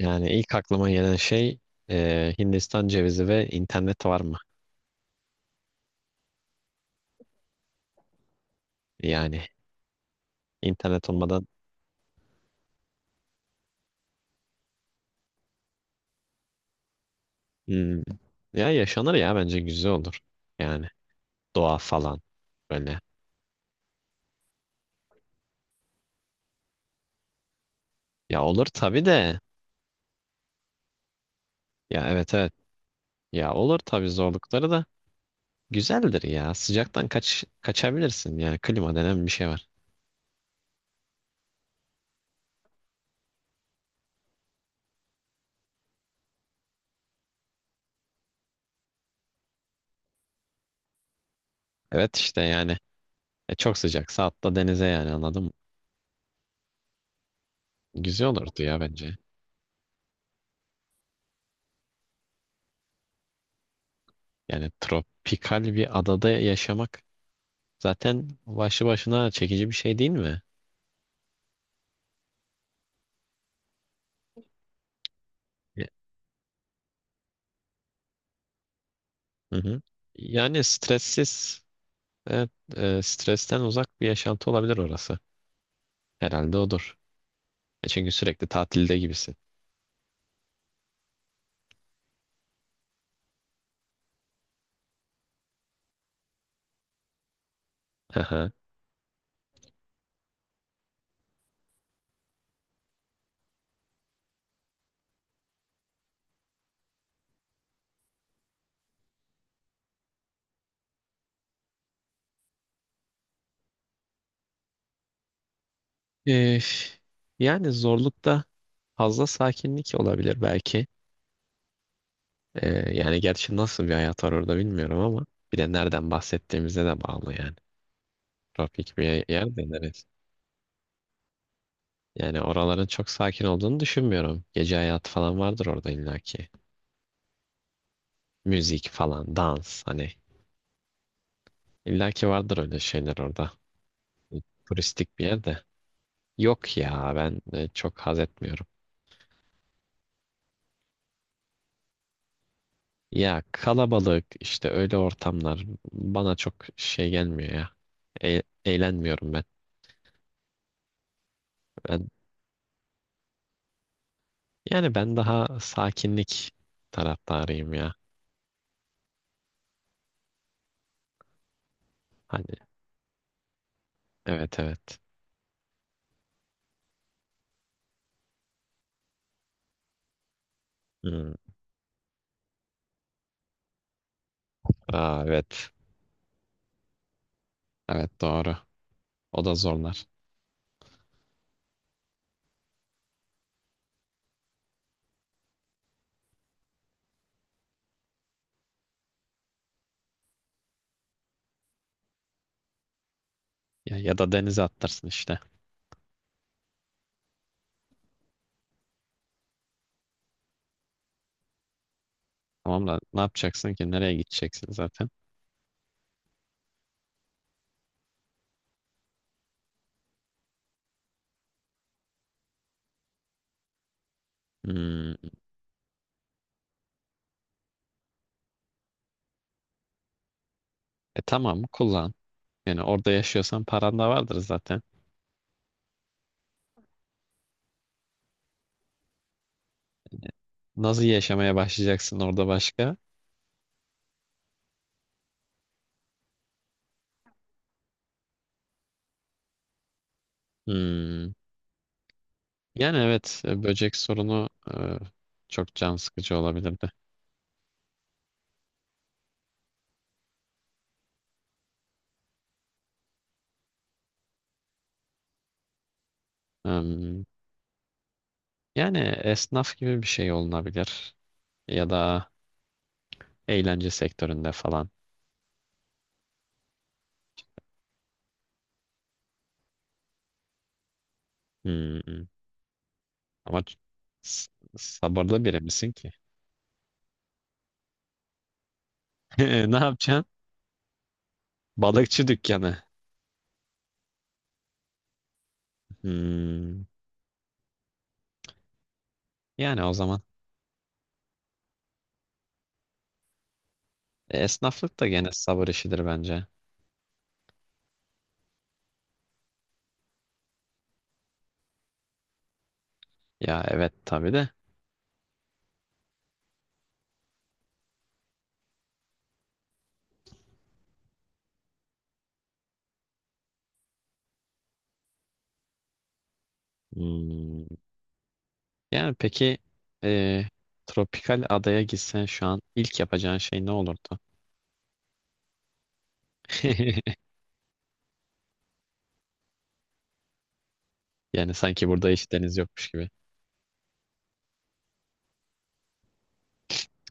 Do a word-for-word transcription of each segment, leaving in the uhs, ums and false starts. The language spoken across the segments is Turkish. Yani ilk aklıma gelen şey e, Hindistan cevizi ve internet var mı? Yani internet olmadan hmm, ya yaşanır ya bence güzel olur. Yani doğa falan böyle. Ya olur tabii de. Ya evet evet. Ya olur tabii zorlukları da güzeldir ya. Sıcaktan kaç kaçabilirsin yani klima denen bir şey var. Evet işte yani e, çok sıcaksa atla denize yani anladım. Güzel olurdu ya bence. Yani tropikal bir adada yaşamak zaten başlı başına çekici bir şey değil mi? Ya- Hı hı. Yani stressiz, evet, e, stresten uzak bir yaşantı olabilir orası. Herhalde odur. E çünkü sürekli tatilde gibisin. Hı hı. E, Yani zorlukta fazla sakinlik olabilir belki. E, yani gerçi nasıl bir hayat var orada bilmiyorum ama bir de nereden bahsettiğimize de bağlı yani. Tropik bir yer de neresi? Yani oraların çok sakin olduğunu düşünmüyorum. Gece hayatı falan vardır orada illaki. Müzik falan, dans hani. İlla ki vardır öyle şeyler orada. Turistik bir yerde. Yok ya ben e, çok haz etmiyorum. Ya kalabalık işte öyle ortamlar bana çok şey gelmiyor ya. E- eğlenmiyorum ben. Ben Yani ben daha sakinlik taraftarıyım ya. Hani evet evet. Hmm. Aa, evet. Evet doğru. O da zorlar. Ya, ya da denize attırsın işte. Tamam da ne yapacaksın ki? Nereye gideceksin zaten? Hmm. E tamam kullan. Yani orada yaşıyorsan paran da vardır zaten. Nasıl yaşamaya başlayacaksın orada başka? Hmm. Yani evet, e, böcek sorunu e, çok can sıkıcı olabilirdi. Hmm. Yani esnaf gibi bir şey olunabilir. Ya da eğlence sektöründe falan. Hmm. Ama ç- s- sabırlı biri misin ki? Ne yapacaksın? Balıkçı dükkanı. Hmm. Yani o zaman e, esnaflık da gene sabır işidir bence. Ya evet tabii de. Hmm. Yani peki, e, tropikal adaya gitsen şu an ilk yapacağın şey ne olurdu? Yani sanki burada hiç deniz yokmuş gibi.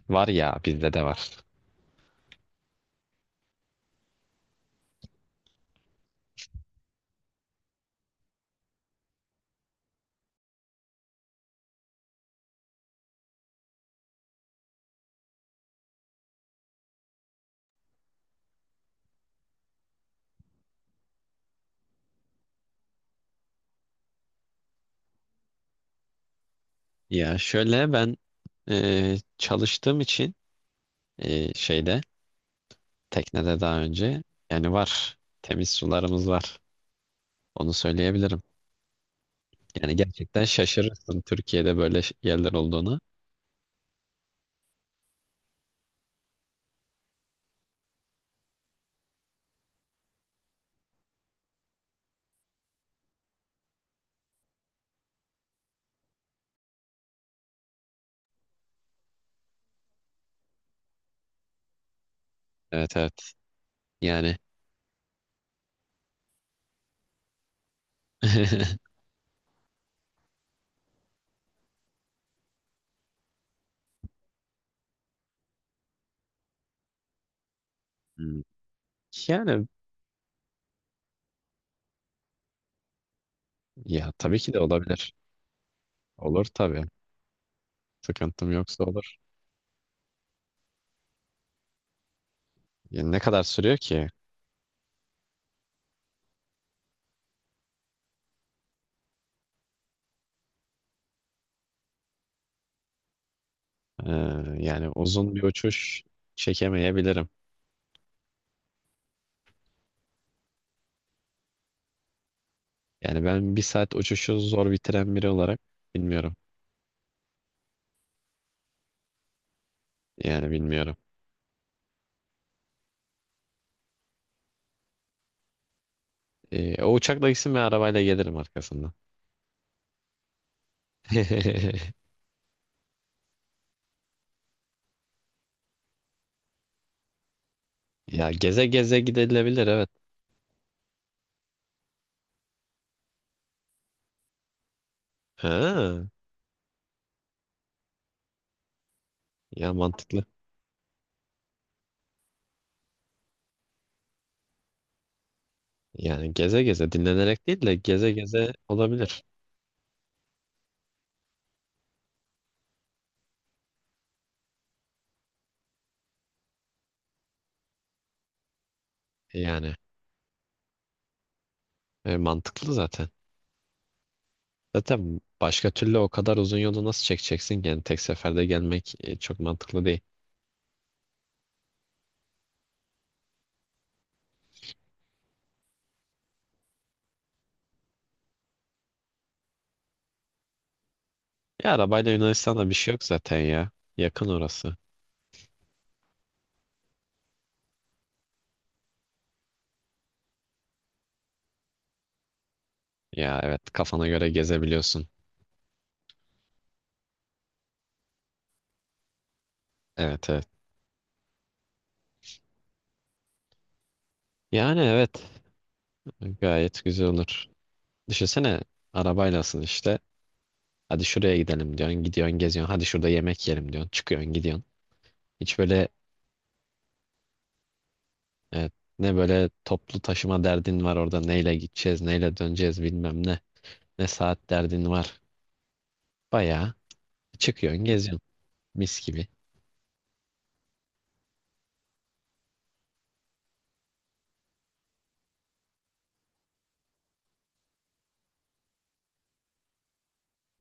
Var ya bizde de var. Ya şöyle ben, e, çalıştığım için e, şeyde teknede daha önce, yani var, temiz sularımız var. Onu söyleyebilirim. Yani gerçekten şaşırırsın Türkiye'de böyle ş- yerler olduğunu. Evet evet yani. Hmm. Yani ya tabii ki de olabilir. Olur tabii. Sıkıntım yoksa olur. Yani ne kadar sürüyor ki? Ee, yani uzun bir uçuş çekemeyebilirim. Yani ben bir saat uçuşu zor bitiren biri olarak bilmiyorum. Yani bilmiyorum. Ee, o uçakla gitsin ve arabayla gelirim arkasından. Ya geze geze gidilebilir evet. Ha, ya mantıklı. Yani geze geze dinlenerek değil de geze geze olabilir. Yani e, mantıklı zaten. Zaten başka türlü o kadar uzun yolu nasıl çekeceksin ki? Yani tek seferde gelmek e, çok mantıklı değil. Ya arabayla Yunanistan'da bir şey yok zaten ya. Yakın orası. Ya evet, kafana göre gezebiliyorsun. Evet evet. Yani evet, gayet güzel olur. Düşünsene, arabaylasın işte. Hadi şuraya gidelim diyorsun. Gidiyorsun geziyorsun. Hadi şurada yemek yiyelim diyorsun. Çıkıyorsun gidiyorsun. Hiç böyle evet, ne böyle toplu taşıma derdin var orada. Neyle gideceğiz, neyle döneceğiz, bilmem ne. Ne saat derdin var. Bayağı çıkıyorsun geziyorsun. Mis gibi.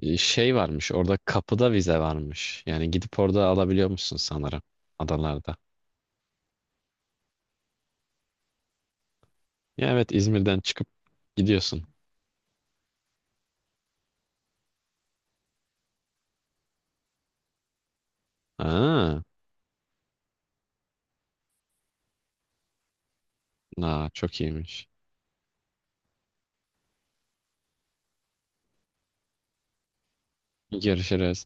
E, Şey varmış orada, kapıda vize varmış. Yani gidip orada alabiliyor musun sanırım, adalarda. Ya evet, İzmir'den çıkıp gidiyorsun. Aa, aa çok iyiymiş. Görüşürüz.